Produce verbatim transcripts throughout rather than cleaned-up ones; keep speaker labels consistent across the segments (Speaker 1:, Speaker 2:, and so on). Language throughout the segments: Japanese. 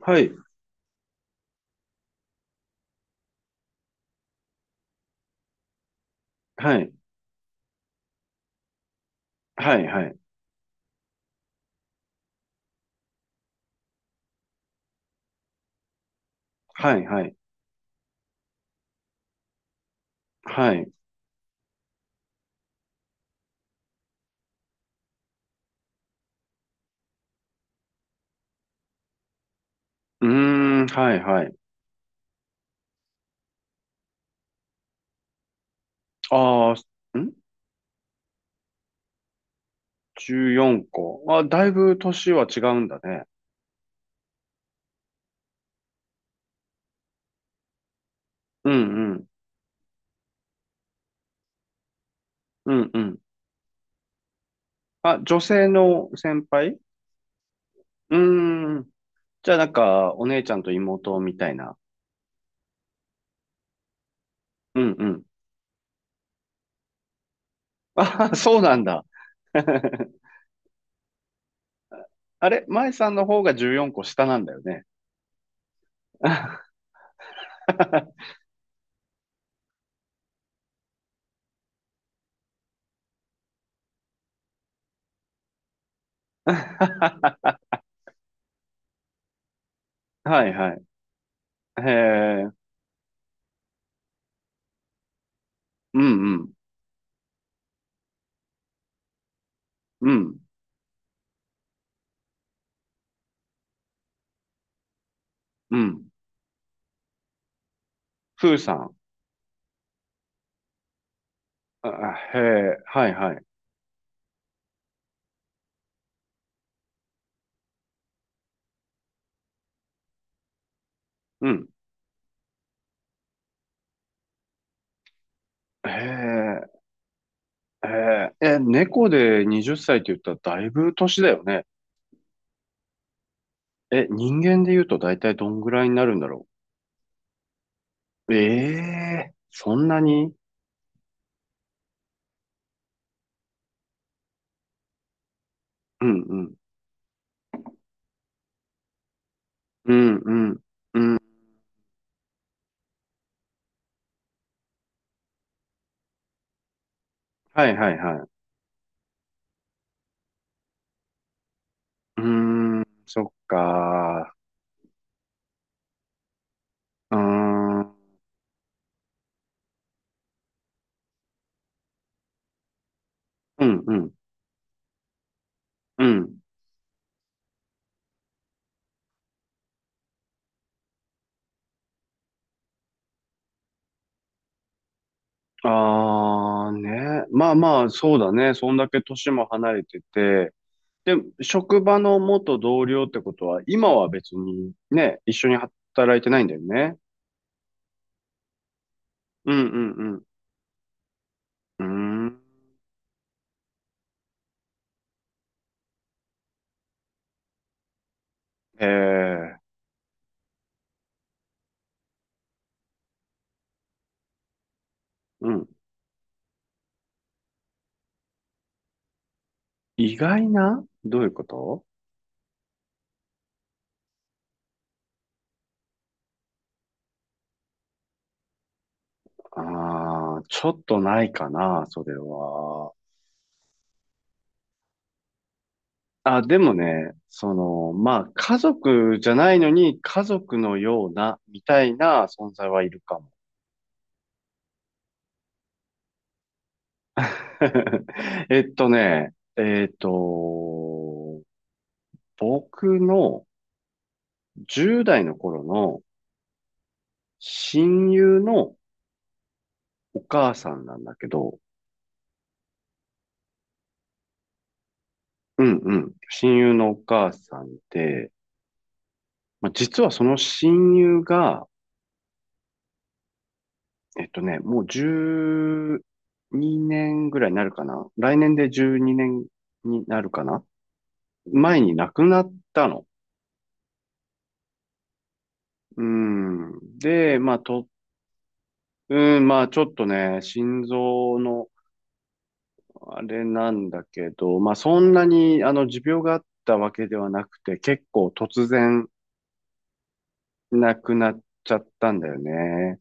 Speaker 1: はい、はい、はい、はい、はい、はい、はい。うーん、はい、はい。ああ、ん？ じゅうよん 個。あ、だいぶ年は違うんだね。うん、うん、うん、うん。あ、女性の先輩。うーん。じゃあなんか、お姉ちゃんと妹みたいな。うんうん。あ、そうなんだ。あれ、舞さんの方がじゅうよんこ下なんだよね。はいはい。へえ、うんうん、うん、うん。ふーさん。あ、へえ、はいはい。うん。へえ、へえ、え、猫ではたちって言ったらだいぶ年だよね。え、人間で言うとだいたいどんぐらいになるんだろう。ええ、そんなに。うんうん。うんうん。はいはいはい。うーん、そっか。うーん、うんうん、うん。あーね。まあまあ、そうだね。そんだけ年も離れてて、で、職場の元同僚ってことは、今は別にね、一緒に働いてないんだよね。うんうんうん。うーん。ええ、うん。意外などういうこと？ああー、ちょっとないかな、それは。あ、でもね、その、まあ、家族じゃないのに、家族のような、みたいな存在はいるかも。えっとね、えっと、僕のじゅう代の頃の親友のお母さんなんだけど、うんうん。親友のお母さんで、まあ、実はその親友が、えっとね、もうじゅうにねんぐらいになるかな。来年でじゅうにねんにねんになるかな。前に亡くなったの。うん。で、まあ、と、うん、まあ、ちょっとね、心臓の、あれなんだけど、まあ、そんなに、あの、持病があったわけではなくて、結構突然、なくなっちゃったんだよね。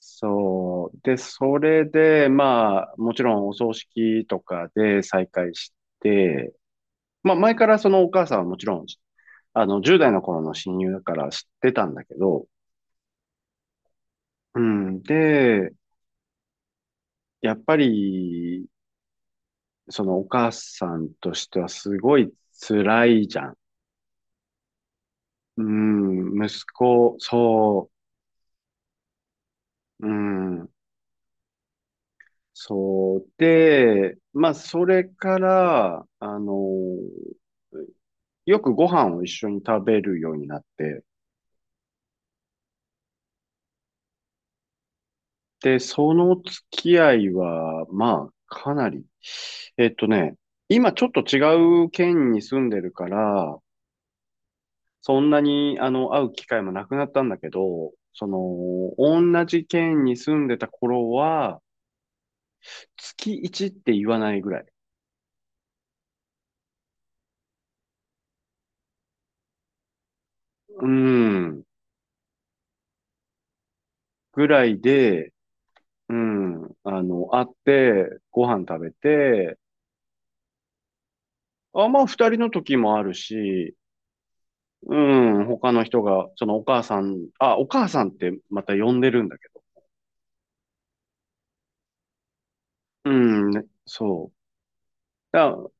Speaker 1: そう。で、それで、まあ、もちろんお葬式とかで再会して、まあ、前からそのお母さんはもちろん、あの、じゅう代の頃の親友だから知ってたんだけど、うん。で、やっぱり、そのお母さんとしてはすごい辛いじゃん。うん、息子、そう、うん、そう。で、まあ、それから、あの、よくご飯を一緒に食べるようになって、で、その付き合いは、まあ、かなり、えっとね、今ちょっと違う県に住んでるから、そんなに、あの、会う機会もなくなったんだけど、その、同じ県に住んでた頃は、月いちって言わないぐらい。うん。ぐらいで、うん。あの、会って、ご飯食べて、あ、まあ、二人の時もあるし、うん、他の人が、そのお母さん、あ、お母さんってまた呼んでるんだけど。うん、ねそう。だから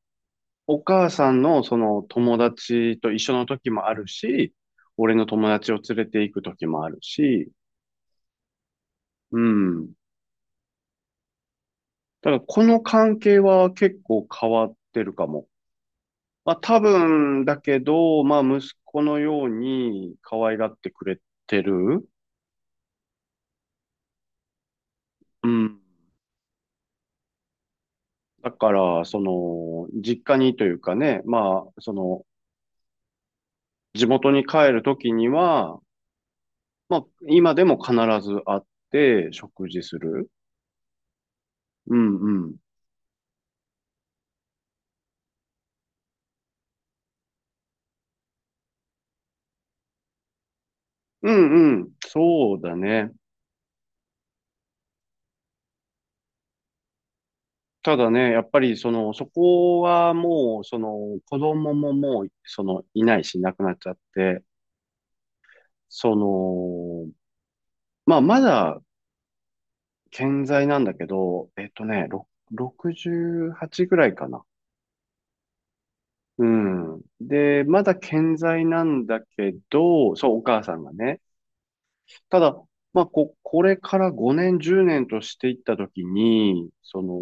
Speaker 1: お母さんのその友達と一緒の時もあるし、俺の友達を連れて行く時もあるし、うん。だからこの関係は結構変わってるかも。まあ多分だけど、まあ息子のように可愛がってくれてる。うん。だから、その、実家にというかね、まあ、その、地元に帰るときには、まあ、今でも必ず会って食事する。うんうん。うんうん。そうだね。ただね、やっぱりその、そこはもう、その、子供ももう、その、いないし、亡くなっちゃって、その、まあ、まだ健在なんだけど、えっとね、ろろくじゅうはちぐらいかな。うん。で、まだ健在なんだけど、そう、お母さんがね。ただ、まあ、こ、これからごねん、じゅうねんとしていったときに、その、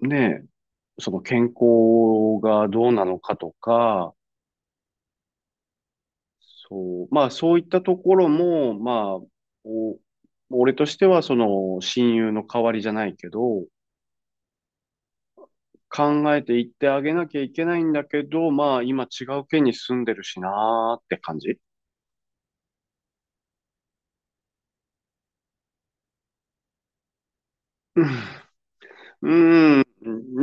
Speaker 1: ねえ、その健康がどうなのかとか、そう、まあ、そういったところも、まあ、お、俺としては、その、親友の代わりじゃないけど、考えていってあげなきゃいけないんだけど、まあ今違う県に住んでるしなーって感じ。うん、うん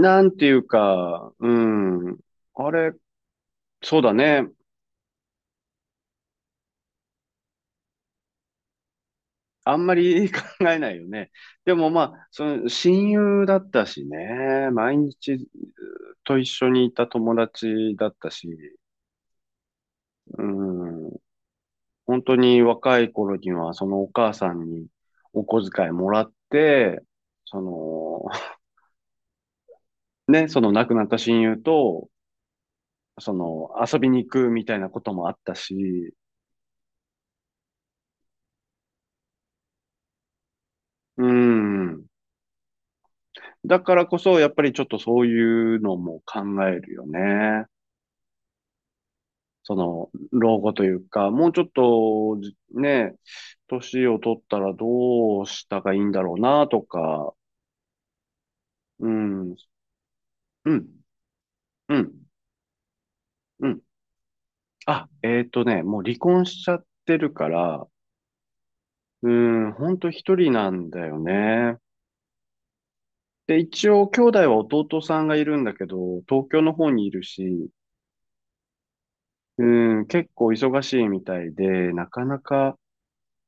Speaker 1: なんていうか、うん、あれ、そうだね。あんまり 考えないよね。でもまあ、その親友だったしね、毎日と一緒にいた友達だったし、うん、本当に若い頃にはそのお母さんにお小遣いもらって、その、ね、その亡くなった親友と、その、遊びに行くみたいなこともあったし、うん。だからこそ、やっぱりちょっとそういうのも考えるよね。その、老後というか、もうちょっと、じね、年を取ったらどうしたがいいんだろうな、とか、うん、うん、うん、うん。あ、えっとね、もう離婚しちゃってるから、うん、ほんと一人なんだよね。で、一応、兄弟は弟さんがいるんだけど、東京の方にいるし、うん、結構忙しいみたいで、なかなか、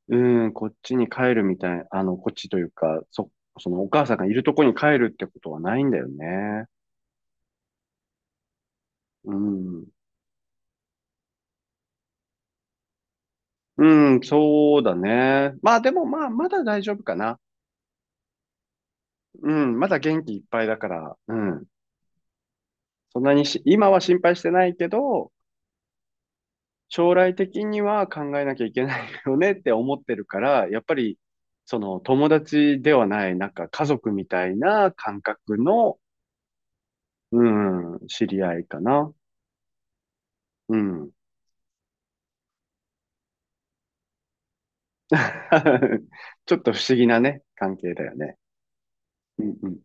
Speaker 1: うん、こっちに帰るみたい、あの、こっちというか、そ、そのお母さんがいるとこに帰るってことはないんだよね。うん。うん、そうだね。まあでもまあ、まだ大丈夫かな。うん、まだ元気いっぱいだから、うん。そんなにし、今は心配してないけど、将来的には考えなきゃいけないよねって思ってるから、やっぱり、その友達ではない、なんか家族みたいな感覚の、うん、知り合いかな。うん。ちょっと不思議なね、関係だよね。うんうん。